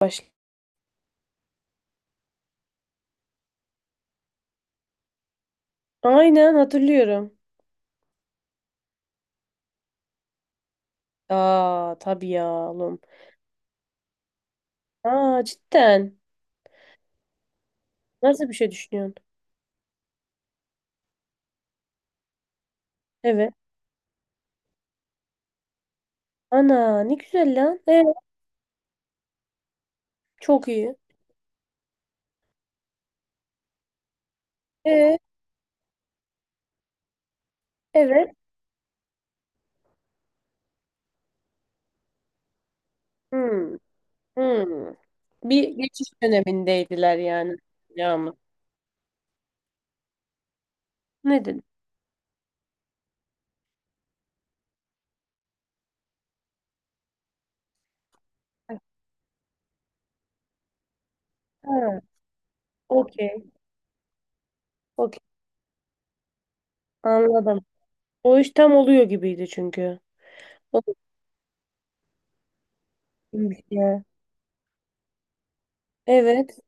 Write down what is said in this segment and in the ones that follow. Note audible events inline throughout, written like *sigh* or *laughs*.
Baş... Aynen hatırlıyorum. Aa, tabii ya oğlum. Aa, cidden. Nasıl bir şey düşünüyorsun? Evet. Ana ne güzel lan. E, çok iyi. E, evet. Hmm, hmm. Bir geçiş dönemindeydiler yani. Ya mı? Ne dedim? Ha, okey. Okey. Anladım. O iş tam oluyor gibiydi çünkü. O da iyiymiş ya. Evet.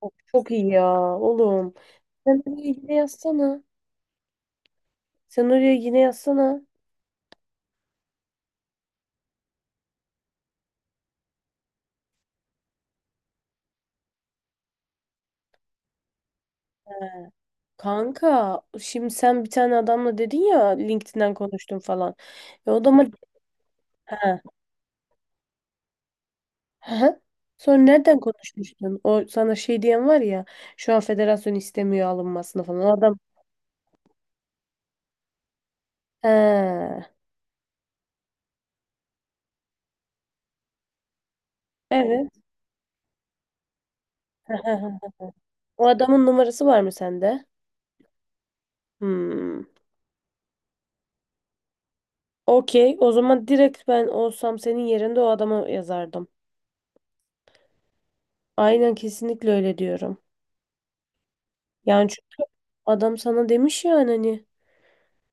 Çok, çok iyi ya oğlum. Sen oraya yine yazsana. Sen oraya yine yazsana. He. Kanka, şimdi sen bir tane adamla dedin ya, LinkedIn'den konuştum falan. E o da mı? He. He. Sonra nereden konuşmuştun? O sana şey diyen var ya, şu an federasyon istemiyor alınmasını falan. O adam. He. Evet. Hı hı hı. O adamın numarası var mı sende? Hmm. Okey. O zaman direkt ben olsam senin yerinde o adama yazardım. Aynen, kesinlikle öyle diyorum. Yani çünkü adam sana demiş yani hani,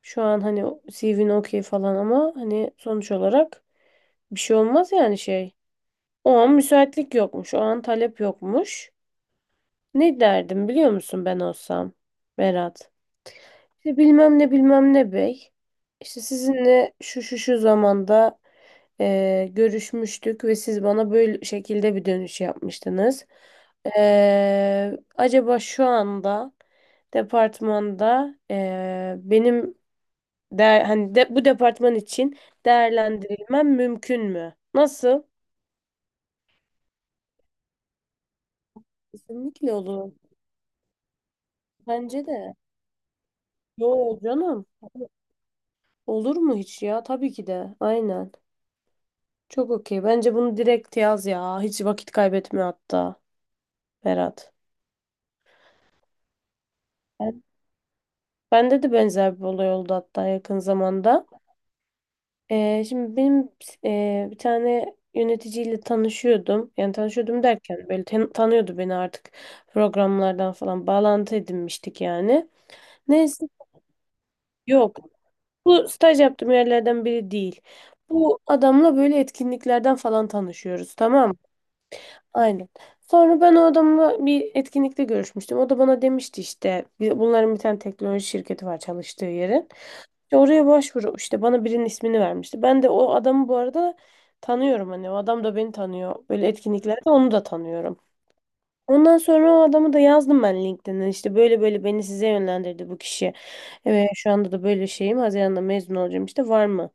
şu an hani CV'nin okey falan ama hani sonuç olarak bir şey olmaz yani şey. O an müsaitlik yokmuş. O an talep yokmuş. Ne derdim biliyor musun ben olsam, Berat? İşte bilmem ne bilmem ne bey. İşte sizinle şu şu şu zamanda görüşmüştük ve siz bana böyle şekilde bir dönüş yapmıştınız. Acaba şu anda departmanda benim de, hani de, bu departman için değerlendirilmem mümkün mü? Nasıl? Kesinlikle olur. Bence de. Yo canım. Olur mu hiç ya? Tabii ki de. Aynen. Çok okey. Bence bunu direkt yaz ya. Hiç vakit kaybetme hatta, Berat. Ben- Bende de benzer bir olay oldu hatta yakın zamanda. Şimdi benim bir tane yöneticiyle tanışıyordum. Yani tanışıyordum derken böyle tan- tanıyordu beni artık, programlardan falan bağlantı edinmiştik yani. Neyse, yok. Bu staj yaptığım yerlerden biri değil. Bu adamla böyle etkinliklerden falan tanışıyoruz, tamam mı? Aynen. Sonra ben o adamla bir etkinlikte görüşmüştüm. O da bana demişti işte bir- bunların bir tane teknoloji şirketi var çalıştığı yerin. İşte oraya başvuru işte bana birinin ismini vermişti. Ben de o adamı bu arada tanıyorum, hani o adam da beni tanıyor. Böyle etkinliklerde onu da tanıyorum. Ondan sonra o adamı da yazdım ben LinkedIn'e. İşte böyle böyle beni size yönlendirdi bu kişi. Evet, şu anda da böyle şeyim. Haziran'da mezun olacağım, işte var mı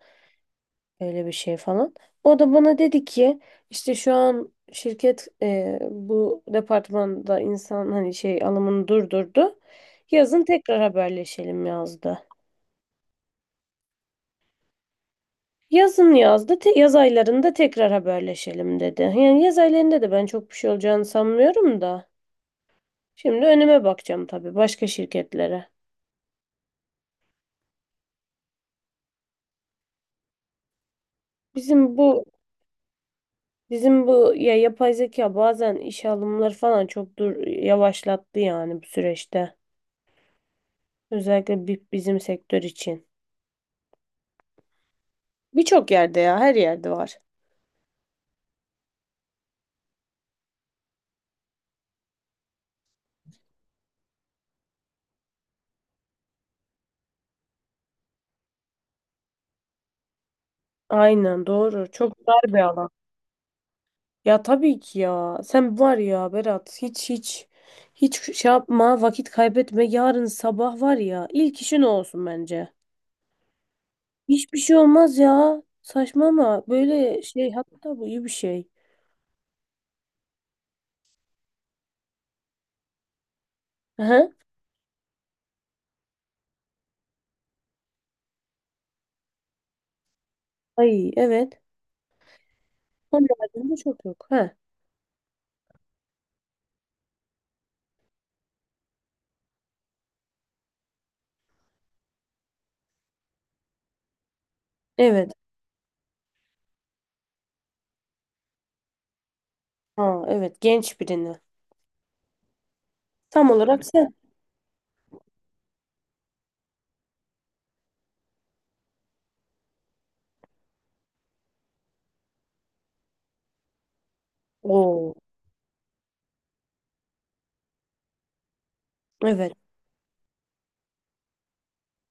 böyle bir şey falan. O da bana dedi ki işte şu an şirket bu departmanda insan hani şey alımını durdurdu. Yazın tekrar haberleşelim yazdı. Yazın yazdı. Te- yaz aylarında tekrar haberleşelim dedi. Yani yaz aylarında da ben çok bir şey olacağını sanmıyorum da. Şimdi önüme bakacağım tabii, başka şirketlere. Bizim bu bizim bu ya, yapay zeka bazen işe alımları falan çok dur yavaşlattı yani bu süreçte. Özellikle bi- bizim sektör için. Birçok yerde ya, her yerde var. Aynen, doğru. Çok dar bir alan. Ya tabii ki ya. Sen var ya Berat, hiç şey yapma, vakit kaybetme. Yarın sabah var ya, ilk işin o olsun bence. Hiçbir şey olmaz ya. Saçma ama böyle şey, hatta bu iyi bir şey. Aha. Ay evet. Onun haricinde çok yok. Ha. Evet. Ha, evet, genç birini. Tam olarak sen. Oo, evet.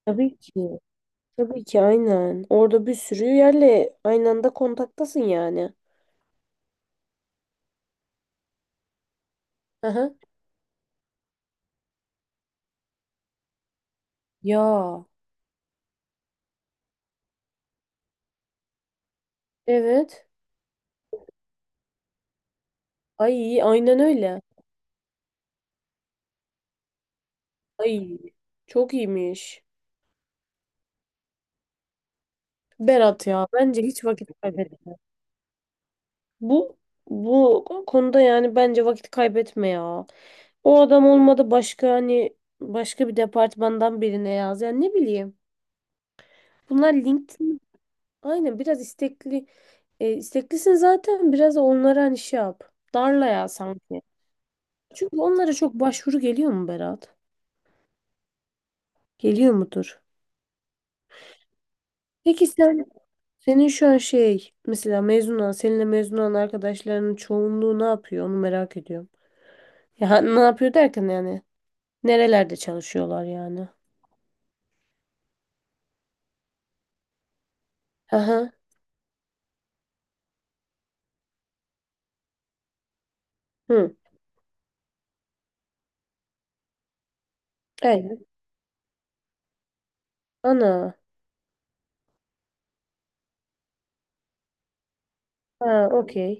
Tabii ki. Tabii ki, aynen. Orada bir sürü yerle aynı anda kontaktasın yani. Aha. Ya. Evet. Ay aynen öyle. Ay, çok iyiymiş. Berat ya, bence hiç vakit kaybetme. Bu bu konuda yani bence vakit kaybetme ya. O adam olmadı, başka hani başka bir departmandan birine yaz. Yani ne bileyim. Bunlar LinkedIn, aynen biraz istekli. E, isteklisin zaten, biraz da onlara hani şey yap. Darla ya sanki. Çünkü onlara çok başvuru geliyor mu, Berat? Geliyor mudur? Peki sen, senin şu an şey, mesela mezun olan seninle mezun olan arkadaşlarının çoğunluğu ne yapıyor onu merak ediyorum. Ya ne yapıyor derken yani, nerelerde çalışıyorlar yani? Aha. Hı. Evet. Ana. Ha, okey.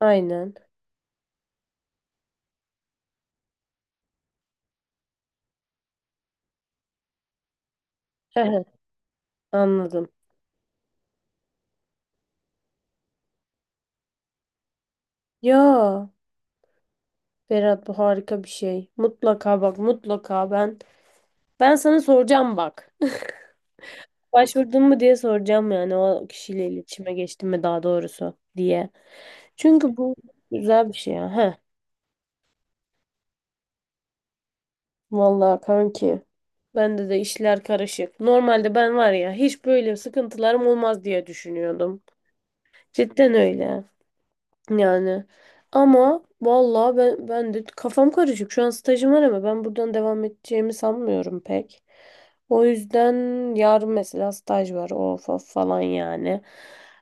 Aynen. Aha, anladım. Ya Berat, bu harika bir şey. Mutlaka bak, mutlaka ben, ben sana soracağım bak. *laughs* Başvurdun mu diye soracağım yani, o kişiyle iletişime geçtim mi daha doğrusu diye. Çünkü bu güzel bir şey ya. Heh. Vallahi kanki. Bende de işler karışık. Normalde ben var ya, hiç böyle sıkıntılarım olmaz diye düşünüyordum. Cidden öyle. Yani ama vallahi ben de kafam karışık. Şu an stajım var ama ben buradan devam edeceğimi sanmıyorum pek. O yüzden yarın mesela staj var, of of falan yani.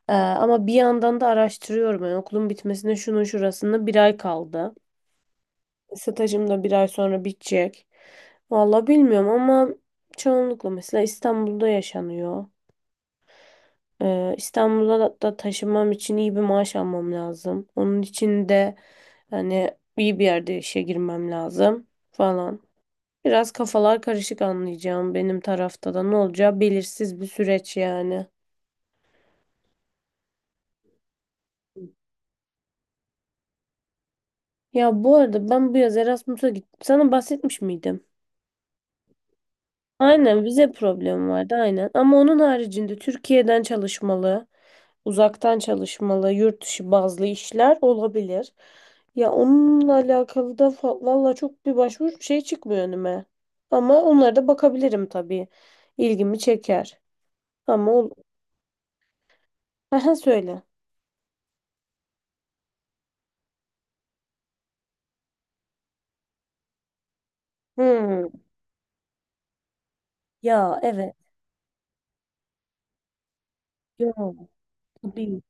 Ama bir yandan da araştırıyorum. Yani okulun bitmesine şunun şurasında bir ay kaldı. Stajım da bir ay sonra bitecek. Vallahi bilmiyorum ama çoğunlukla mesela İstanbul'da yaşanıyor. İstanbul'a da taşınmam için iyi bir maaş almam lazım. Onun için de hani iyi bir yerde işe girmem lazım falan. Biraz kafalar karışık, anlayacağım benim tarafta da ne olacağı belirsiz bir süreç yani. Ya bu arada ben bu yaz Erasmus'a gittim. Sana bahsetmiş miydim? Aynen, vize problemi vardı aynen. Ama onun haricinde Türkiye'den çalışmalı, uzaktan çalışmalı, yurt dışı bazlı işler olabilir. Ya onunla alakalı da fa- valla çok bir başvuru şey çıkmıyor önüme. Ama onlara da bakabilirim tabii. İlgimi çeker. Ama ol *laughs* aha, söyle. Hmm. Ya evet. Yo, tabii.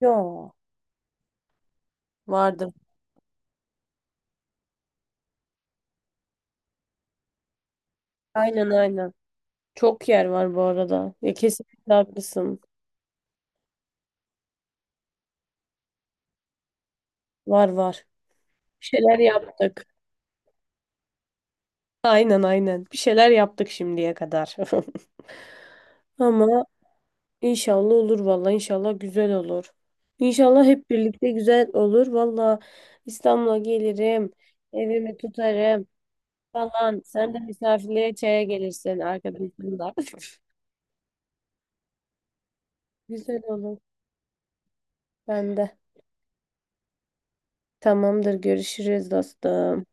Yo. Vardır. Aynen, aynen. Çok yer var bu arada. Ya kesinlikle haklısın. Var var. Bir şeyler yaptık. Aynen, aynen. Bir şeyler yaptık şimdiye kadar. *laughs* Ama inşallah olur valla. İnşallah güzel olur. İnşallah hep birlikte güzel olur. Valla İstanbul'a gelirim. Evimi tutarım falan. Sen de misafirliğe çaya gelirsin arkadaşınla. *laughs* Güzel olur. Ben de. Tamamdır. Görüşürüz, dostum.